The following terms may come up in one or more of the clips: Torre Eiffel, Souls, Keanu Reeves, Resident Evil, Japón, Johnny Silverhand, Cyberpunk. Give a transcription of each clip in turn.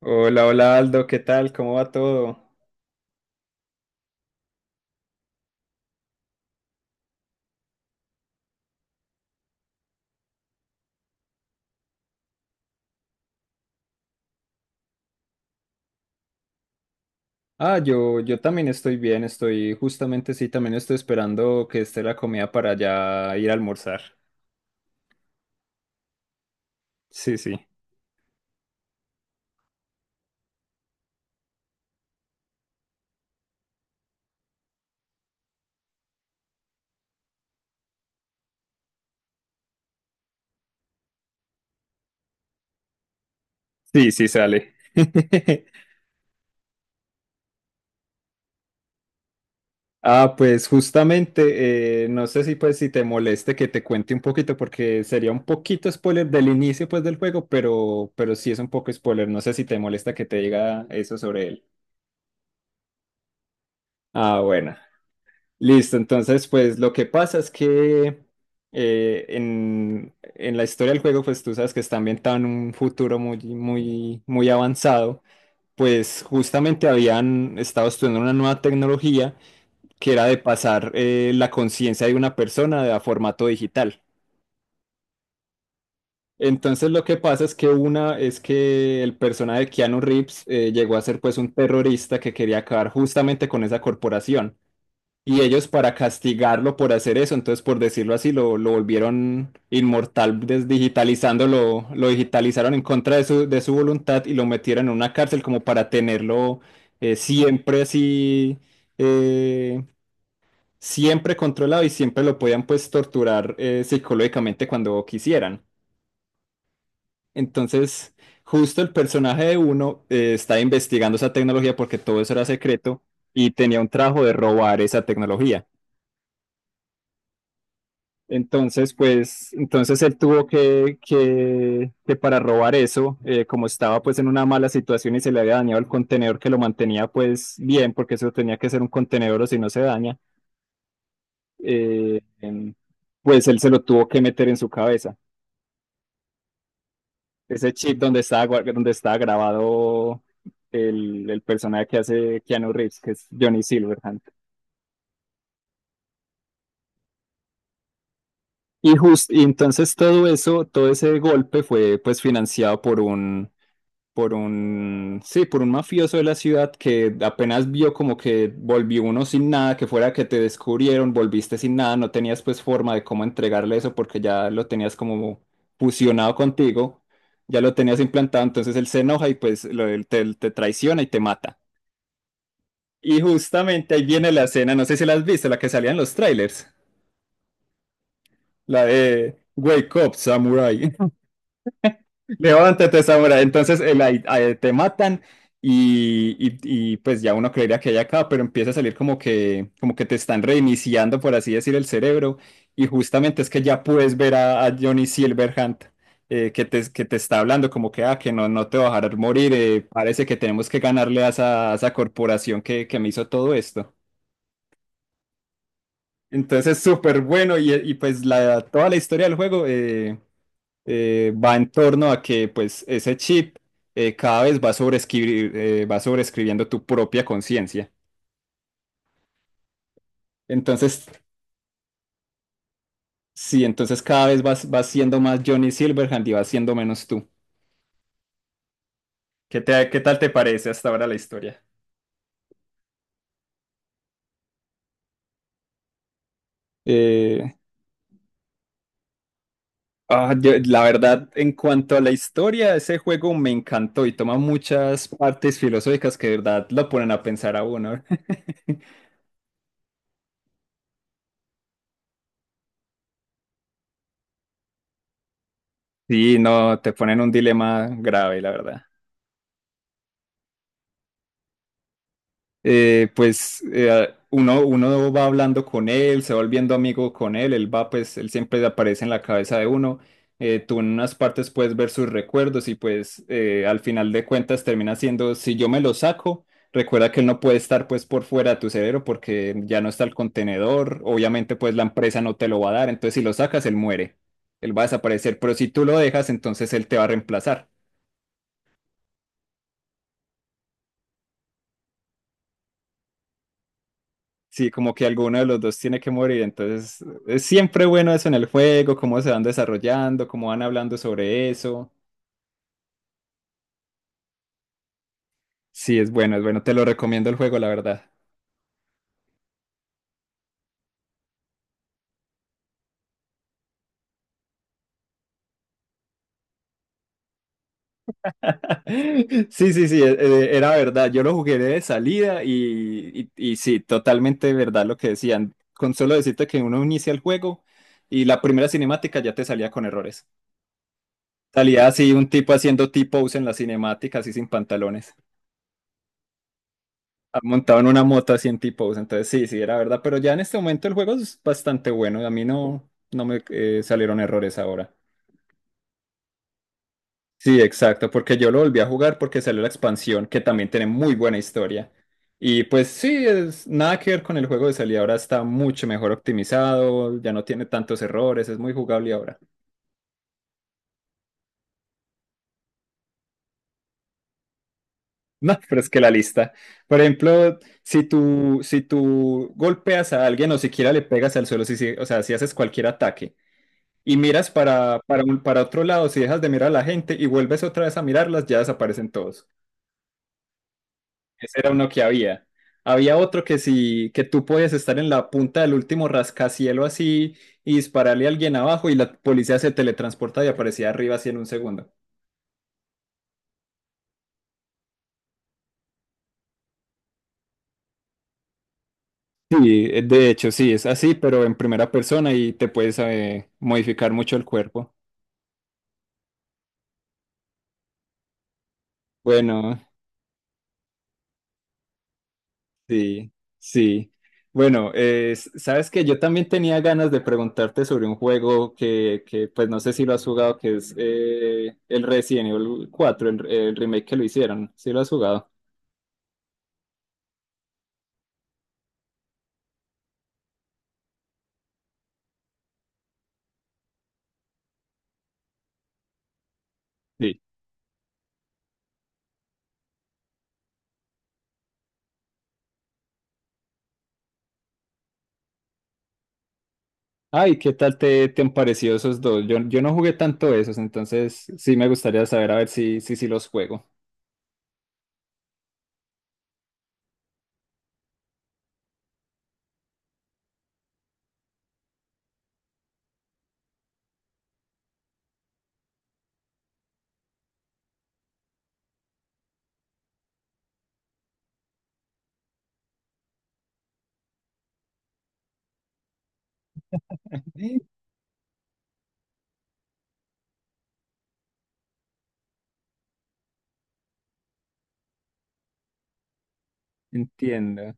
Hola, hola Aldo, ¿qué tal? ¿Cómo va todo? Ah, yo también estoy bien, estoy justamente, sí, también estoy esperando que esté la comida para ya ir a almorzar. Sí, sí, sí, sí sale. Ah, pues justamente, no sé si pues si te moleste que te cuente un poquito, porque sería un poquito spoiler del inicio pues del juego, pero sí es un poco spoiler, no sé si te molesta que te diga eso sobre él. Ah, bueno. Listo, entonces pues lo que pasa es que en la historia del juego pues tú sabes que está ambientado en un futuro muy, muy, muy avanzado, pues justamente habían estado estudiando una nueva tecnología que era de pasar la conciencia de una persona a formato digital. Entonces lo que pasa es que una es que el personaje de Keanu Reeves llegó a ser pues un terrorista que quería acabar justamente con esa corporación. Y ellos para castigarlo por hacer eso, entonces por decirlo así, lo volvieron inmortal desdigitalizando, lo digitalizaron en contra de su voluntad y lo metieron en una cárcel como para tenerlo siempre así, eh, siempre controlado y siempre lo podían pues torturar psicológicamente cuando quisieran. Entonces, justo el personaje de uno está investigando esa tecnología porque todo eso era secreto y tenía un trabajo de robar esa tecnología. Entonces, pues, entonces él tuvo que para robar eso, como estaba pues en una mala situación y se le había dañado el contenedor que lo mantenía pues bien, porque eso tenía que ser un contenedor o si no se daña, eh, em, pues él se lo tuvo que meter en su cabeza. Ese chip donde está grabado el personaje que hace Keanu Reeves, que es Johnny Silverhand. Y entonces todo eso, todo ese golpe fue pues financiado por un sí, por un mafioso de la ciudad que apenas vio como que volvió uno sin nada, que fuera que te descubrieron, volviste sin nada, no tenías pues forma de cómo entregarle eso porque ya lo tenías como fusionado contigo, ya lo tenías implantado, entonces él se enoja y pues él te, te traiciona y te mata. Y justamente ahí viene la escena, no sé si la has visto, la que salía en los trailers, la de Wake Up Samurai. Levántate, Zamora. Entonces el te matan y, y- y, pues ya uno creería que hay acá, pero empieza a salir como que te están reiniciando, por así decir, el cerebro. Y justamente es que ya puedes ver a Johnny Silverhand que te está hablando como que, ah, que no, no te va a dejar morir. Parece que tenemos que ganarle a esa corporación que me hizo todo esto. Entonces, es súper bueno y, pues la, toda la historia del juego. Va en torno a que pues ese chip cada vez va va sobreescribiendo tu propia conciencia. Entonces, sí, entonces cada vez vas, vas siendo más Johnny Silverhand y vas siendo menos tú. ¿Qué qué tal te parece hasta ahora la historia? Eh, la verdad, en cuanto a la historia, ese juego me encantó y toma muchas partes filosóficas que de verdad lo ponen a pensar a uno. Sí, no, te ponen un dilema grave, la verdad. Pues uno va hablando con él, se va volviendo amigo con él, él va, pues él siempre aparece en la cabeza de uno. Tú en unas partes puedes ver sus recuerdos y pues al final de cuentas termina siendo, si yo me lo saco, recuerda que él no puede estar pues por fuera de tu cerebro porque ya no está el contenedor, obviamente pues la empresa no te lo va a dar, entonces si lo sacas, él muere, él va a desaparecer, pero si tú lo dejas, entonces él te va a reemplazar. Sí, como que alguno de los dos tiene que morir, entonces es siempre bueno eso en el juego, cómo se van desarrollando, cómo van hablando sobre eso. Sí, es bueno, te lo recomiendo el juego, la verdad. Sí, sí, sí, era verdad, yo lo jugué de salida y sí, totalmente verdad lo que decían, con solo decirte que uno inicia el juego y la primera cinemática ya te salía con errores. Salía así un tipo haciendo tipo en las cinemáticas así sin pantalones. Ah, montado en una moto así en T-Pose, entonces sí, sí, era verdad, pero ya en este momento el juego es bastante bueno, a mí no, no me salieron errores ahora. Sí, exacto, porque yo lo volví a jugar porque salió la expansión, que también tiene muy buena historia. Y pues sí, es nada que ver con el juego de salida, ahora está mucho mejor optimizado, ya no tiene tantos errores, es muy jugable ahora. No, pero es que la lista, por ejemplo, si tú, si tú golpeas a alguien o siquiera le pegas al suelo, o sea, si haces cualquier ataque y miras para otro lado, si dejas de mirar a la gente y vuelves otra vez a mirarlas, ya desaparecen todos. Ese era uno que había. Había otro que si que tú podías estar en la punta del último rascacielo así y dispararle a alguien abajo y la policía se teletransporta y aparecía arriba así en un segundo. Sí, de hecho sí, es así, pero en primera persona y te puedes modificar mucho el cuerpo. Bueno, sí, sí. Bueno, sabes que yo también tenía ganas de preguntarte sobre un juego que pues no sé si lo has jugado, que es el Resident Evil 4, el remake que lo hicieron. ¿Sí lo has jugado? Sí. Ay, ¿qué tal te, te han parecido esos dos? Yo no jugué tanto esos, entonces sí me gustaría saber a ver si, si, si los juego. Entiendo.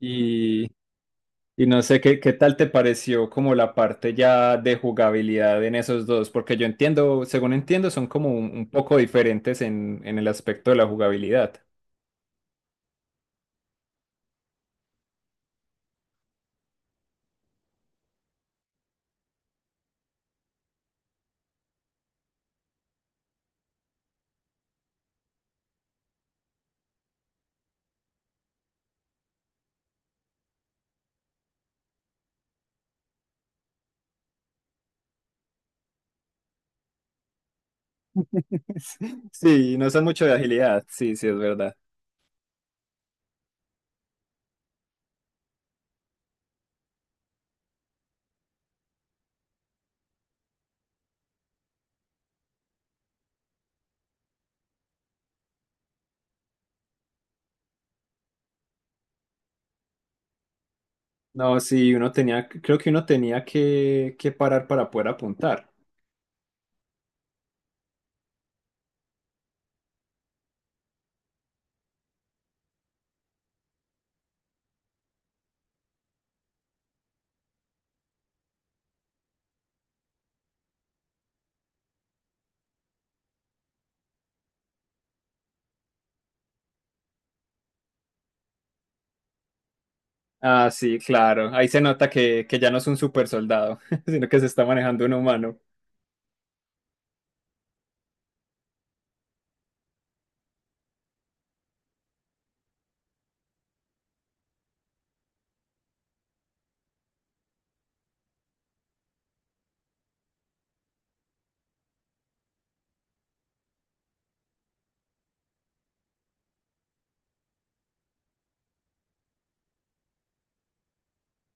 Y y no sé qué, qué tal te pareció como la parte ya de jugabilidad en esos dos, porque yo entiendo, según entiendo, son como un poco diferentes en el aspecto de la jugabilidad. Sí, no son mucho de agilidad, sí, sí, es verdad. No, sí, uno tenía, creo que uno tenía que parar para poder apuntar. Ah, sí, claro, ahí se nota que ya no es un super soldado, sino que se está manejando un humano.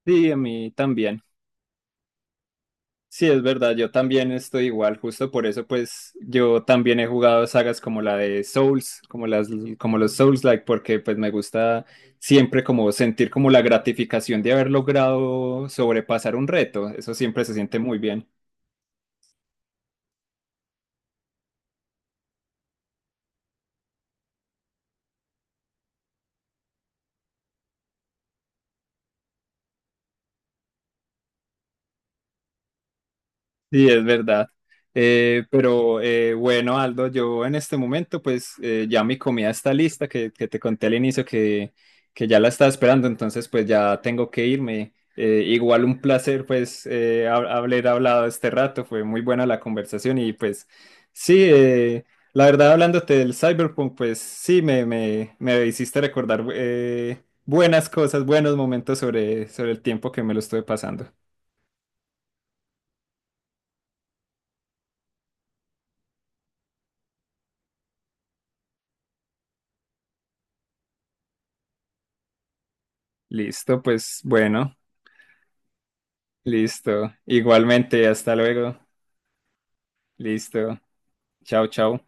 Sí, a mí también. Sí, es verdad, yo también estoy igual, justo por eso pues yo también he jugado sagas como la de Souls, como las como los Souls-like porque pues me gusta siempre como sentir como la gratificación de haber logrado sobrepasar un reto, eso siempre se siente muy bien. Sí, es verdad. Pero bueno, Aldo, yo en este momento pues ya mi comida está lista, que te conté al inicio que ya la estaba esperando, entonces pues ya tengo que irme. Igual un placer pues haber hablado este rato, fue muy buena la conversación y pues sí, la verdad hablándote del Cyberpunk pues sí, me hiciste recordar buenas cosas, buenos momentos sobre, sobre el tiempo que me lo estuve pasando. Listo, pues bueno. Listo. Igualmente, hasta luego. Listo. Chao, chao.